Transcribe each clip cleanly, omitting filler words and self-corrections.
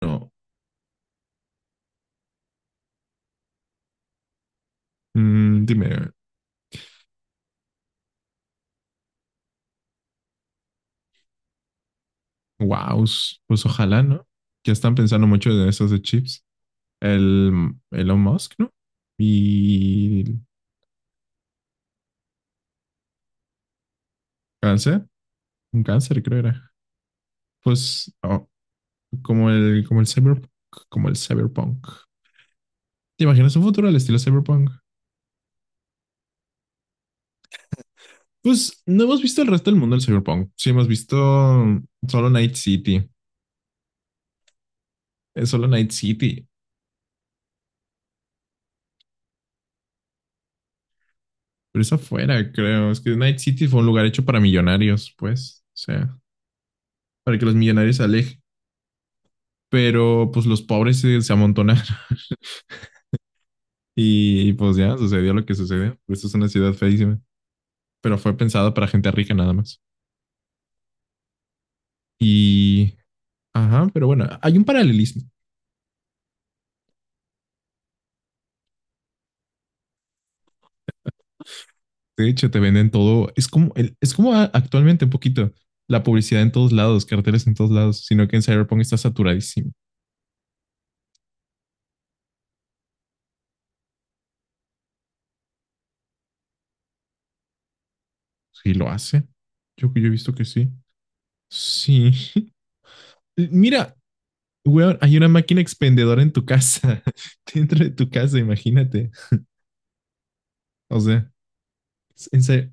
No, dime. Wow, pues ojalá, ¿no? Ya están pensando mucho en esos de chips. El Elon Musk, ¿no? Y el cáncer, un cáncer creo era. Pues oh, como el cyberpunk, como el cyberpunk. ¿Te imaginas un futuro al estilo cyberpunk? Pues no hemos visto el resto del mundo del cyberpunk. Sí hemos visto solo Night City, es solo Night City, pero es afuera, creo. Es que Night City fue un lugar hecho para millonarios, pues, o sea, para que los millonarios se alejen, pero pues los pobres se amontonaron y pues ya sucedió lo que sucedió. Esto es una ciudad feísima, pero fue pensada para gente rica nada más. Y ajá, pero bueno, hay un paralelismo. De hecho, te venden todo. Es como es como actualmente un poquito la publicidad en todos lados, carteles en todos lados, sino que en Cyberpunk está saturadísimo. Sí, lo hace. Yo he visto que sí. Sí. Mira, weón, hay una máquina expendedora en tu casa, dentro de tu casa, imagínate. O sea, en serio.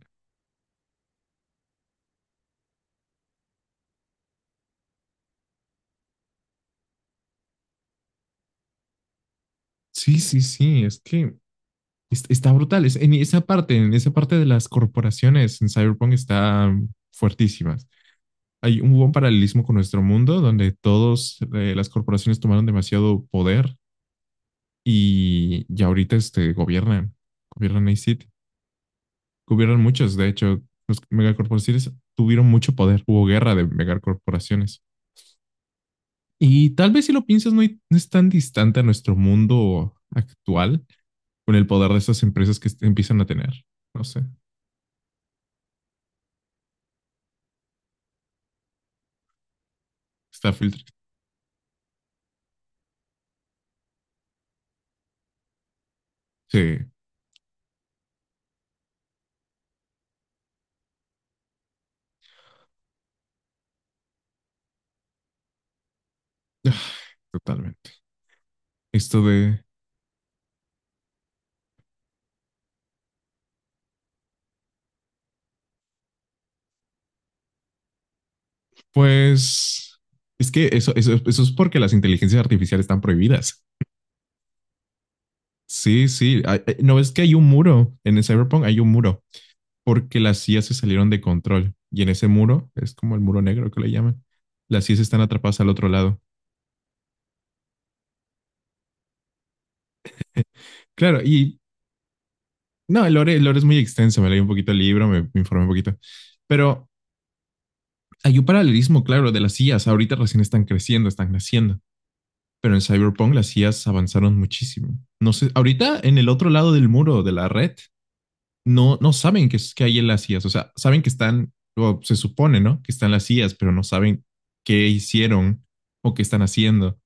Sí, sí, sí, es que está brutal. Es, en esa parte de las corporaciones en Cyberpunk está mm, fuertísimas. Hay un buen paralelismo con nuestro mundo donde todos las corporaciones tomaron demasiado poder y ya ahorita este, gobiernan, gobiernan a City, gobiernan muchos. De hecho, los megacorporaciones tuvieron mucho poder. Hubo guerra de megacorporaciones. Y tal vez si lo piensas, no es tan distante a nuestro mundo actual con el poder de esas empresas que empiezan a tener. No sé, está filtrado. Sí, totalmente. Esto de, pues, es que eso es porque las inteligencias artificiales están prohibidas. Sí, sí. No, es que hay un muro en el Cyberpunk, hay un muro porque las IA se salieron de control, y en ese muro es como el muro negro que le llaman. Las IAs están atrapadas al otro lado. Claro, y no, el lore es muy extenso. Me leí un poquito el libro, me informé un poquito, pero hay un paralelismo claro de las IAs. Ahorita recién están creciendo, están naciendo. Pero en Cyberpunk las IAs avanzaron muchísimo. No sé, ahorita en el otro lado del muro de la red, no, no saben que hay en las IAs. O sea, saben que están, o se supone, ¿no? Que están las IAs, pero no saben qué hicieron o qué están haciendo.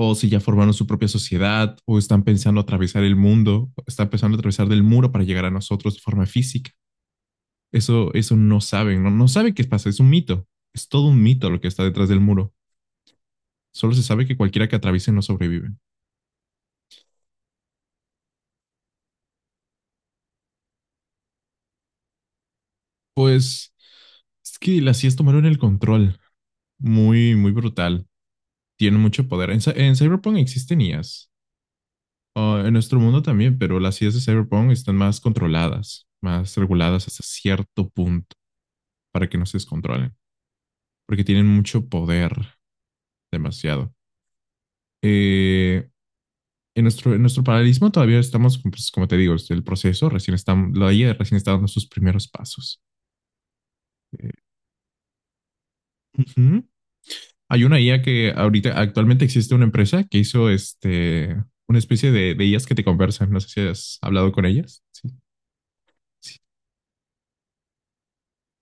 O si ya formaron su propia sociedad, o están pensando atravesar el mundo, están pensando atravesar del muro para llegar a nosotros de forma física. Eso no saben, no, no saben qué pasa, es un mito. Es todo un mito lo que está detrás del muro. Solo se sabe que cualquiera que atraviese no sobrevive. Pues es que las IAs tomaron el control. Muy, muy brutal. Tienen mucho poder. En Cyberpunk existen IAs. Ah, en nuestro mundo también, pero las IAs de Cyberpunk están más controladas, más reguladas hasta cierto punto para que no se descontrolen, porque tienen mucho poder, demasiado. Eh, en nuestro paralelismo todavía estamos, pues, como te digo, el proceso recién está, la IA recién está dando sus primeros pasos. Eh, Hay una IA que ahorita actualmente existe una empresa que hizo una especie de IAs que te conversan. No sé si has hablado con ellas. Sí, sí.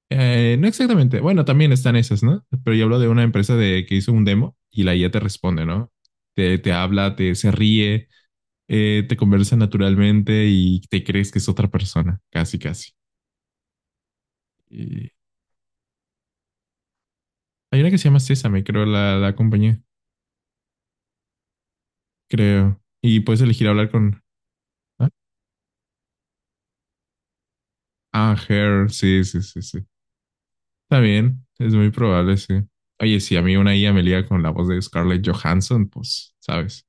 No exactamente. Bueno, también están esas, ¿no? Pero yo hablo de una empresa de que hizo un demo y la IA te responde, ¿no? Te habla, te se ríe, te conversa naturalmente y te crees que es otra persona, casi, casi. Y hay una que se llama Sésame, creo, la compañía, creo. Y puedes elegir hablar con. Ah, ah, Her, sí, sí, sí, sí. También es muy probable, sí. Oye, si a mí una IA me liga con la voz de Scarlett Johansson, pues, ¿sabes?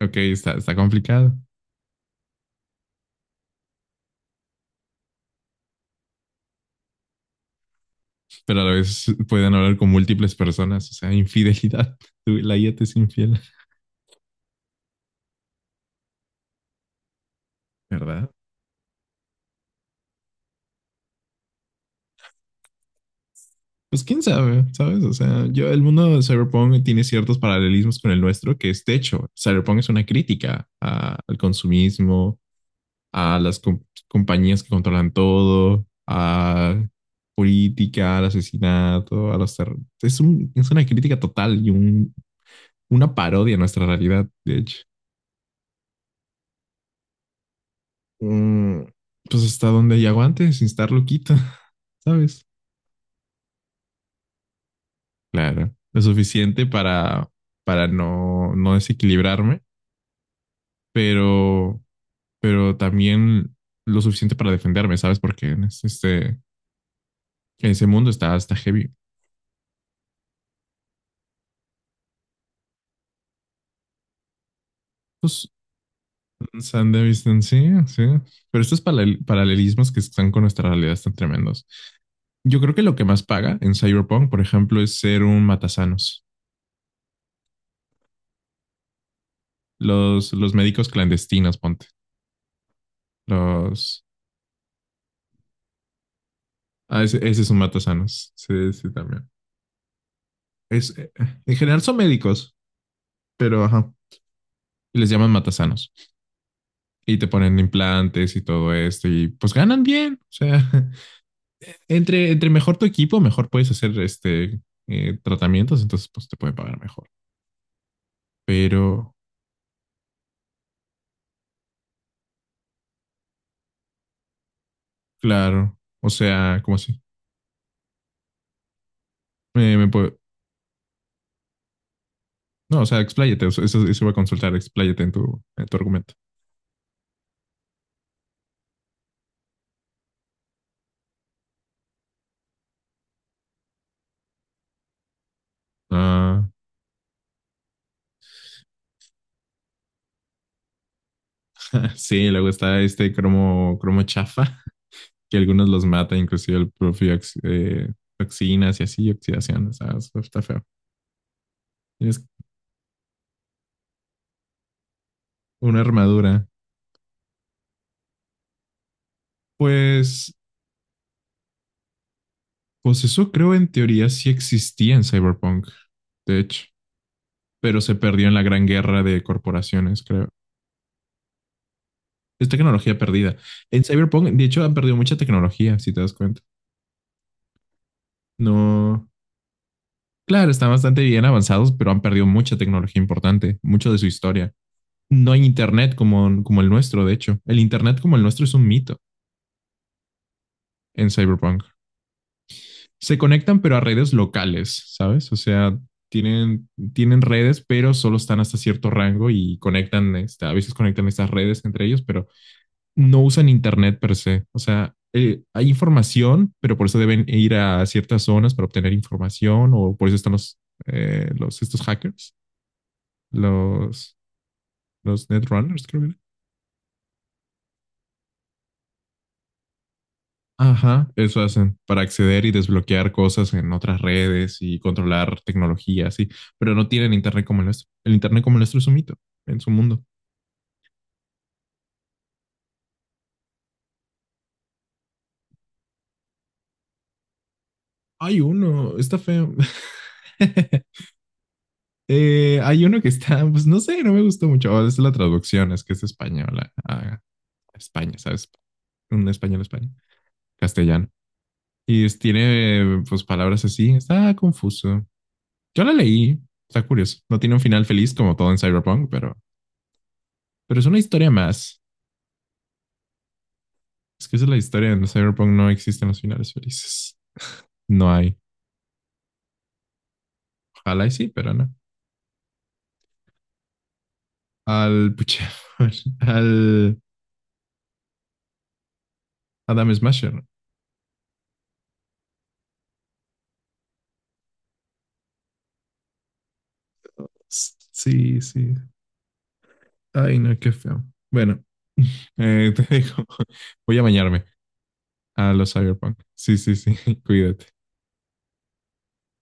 Ok, está complicado, pero a la vez pueden hablar con múltiples personas, o sea, infidelidad. Tú- la IA te es infiel, ¿verdad? Pues quién sabe, ¿sabes? O sea, yo, el mundo de Cyberpunk tiene ciertos paralelismos con el nuestro, que es, de hecho, Cyberpunk es una crítica al consumismo, a las compañías que controlan todo, a política, al asesinato, a los terror. Es un, es una crítica total y una parodia a nuestra realidad, de hecho. Mm, pues hasta donde hay aguante, sin estar loquita, ¿sabes? Claro, lo suficiente para no, no desequilibrarme, pero, pero también lo suficiente para defenderme, ¿sabes? Porque en este, ese mundo está, está heavy. Pues San de Vistancia, sí. Pero estos paralelismos que están con nuestra realidad están tremendos. Yo creo que lo que más paga en Cyberpunk, por ejemplo, es ser un matasanos. Los médicos clandestinos, ponte. Los. Ah, ese es un matasanos. Sí, sí, también. Es, en general son médicos, pero ajá. Y les llaman matasanos. Y te ponen implantes y todo esto. Y pues ganan bien. O sea, entre, entre mejor tu equipo, mejor puedes hacer tratamientos. Entonces, pues te pueden pagar mejor. Pero, claro, o sea, ¿cómo así? Me, me puedo- No, o sea, expláyate, o sea, eso iba a consultar, expláyate en tu argumento. Ah, sí, luego está este cromo, cromo chafa, que algunos los mata, inclusive el propio toxinas y así, oxidaciones, ah, eso está feo. Tienes una armadura. Pues, pues eso creo en teoría sí existía en Cyberpunk, de hecho, pero se perdió en la gran guerra de corporaciones, creo. Es tecnología perdida. En Cyberpunk, de hecho, han perdido mucha tecnología, si te das cuenta. No. Claro, están bastante bien avanzados, pero han perdido mucha tecnología importante, mucho de su historia. No hay internet como, como el nuestro, de hecho. El internet como el nuestro es un mito en Cyberpunk. Se conectan, pero a redes locales, ¿sabes? O sea, tienen redes, pero solo están hasta cierto rango y conectan, esta, a veces conectan estas redes entre ellos, pero no usan internet per se. O sea, hay información, pero por eso deben ir a ciertas zonas para obtener información o por eso están los estos hackers, los, los netrunners, creo que era. Ajá, eso hacen para acceder y desbloquear cosas en otras redes y controlar tecnología, sí, pero no tienen internet como el nuestro. El internet como el nuestro es un mito en su mundo. Hay uno, está feo. Hay uno que está, pues no sé, no me gustó mucho. Oh, es la traducción, es que es española. Ah, ah. España, ¿sabes? Un español, España, castellano. Tiene pues palabras así, está confuso. Yo la leí, está curioso. No tiene un final feliz como todo en Cyberpunk, pero es una historia más. Es que esa es la historia, en Cyberpunk no existen los finales felices. No hay. Ojalá y sí, pero no. Al, pucha, al Adam Smasher. S- sí, sí. Ay, no, qué feo. Bueno, te dejo. Voy a bañarme a los Cyberpunk. Sí, sí, sí. Cuídate.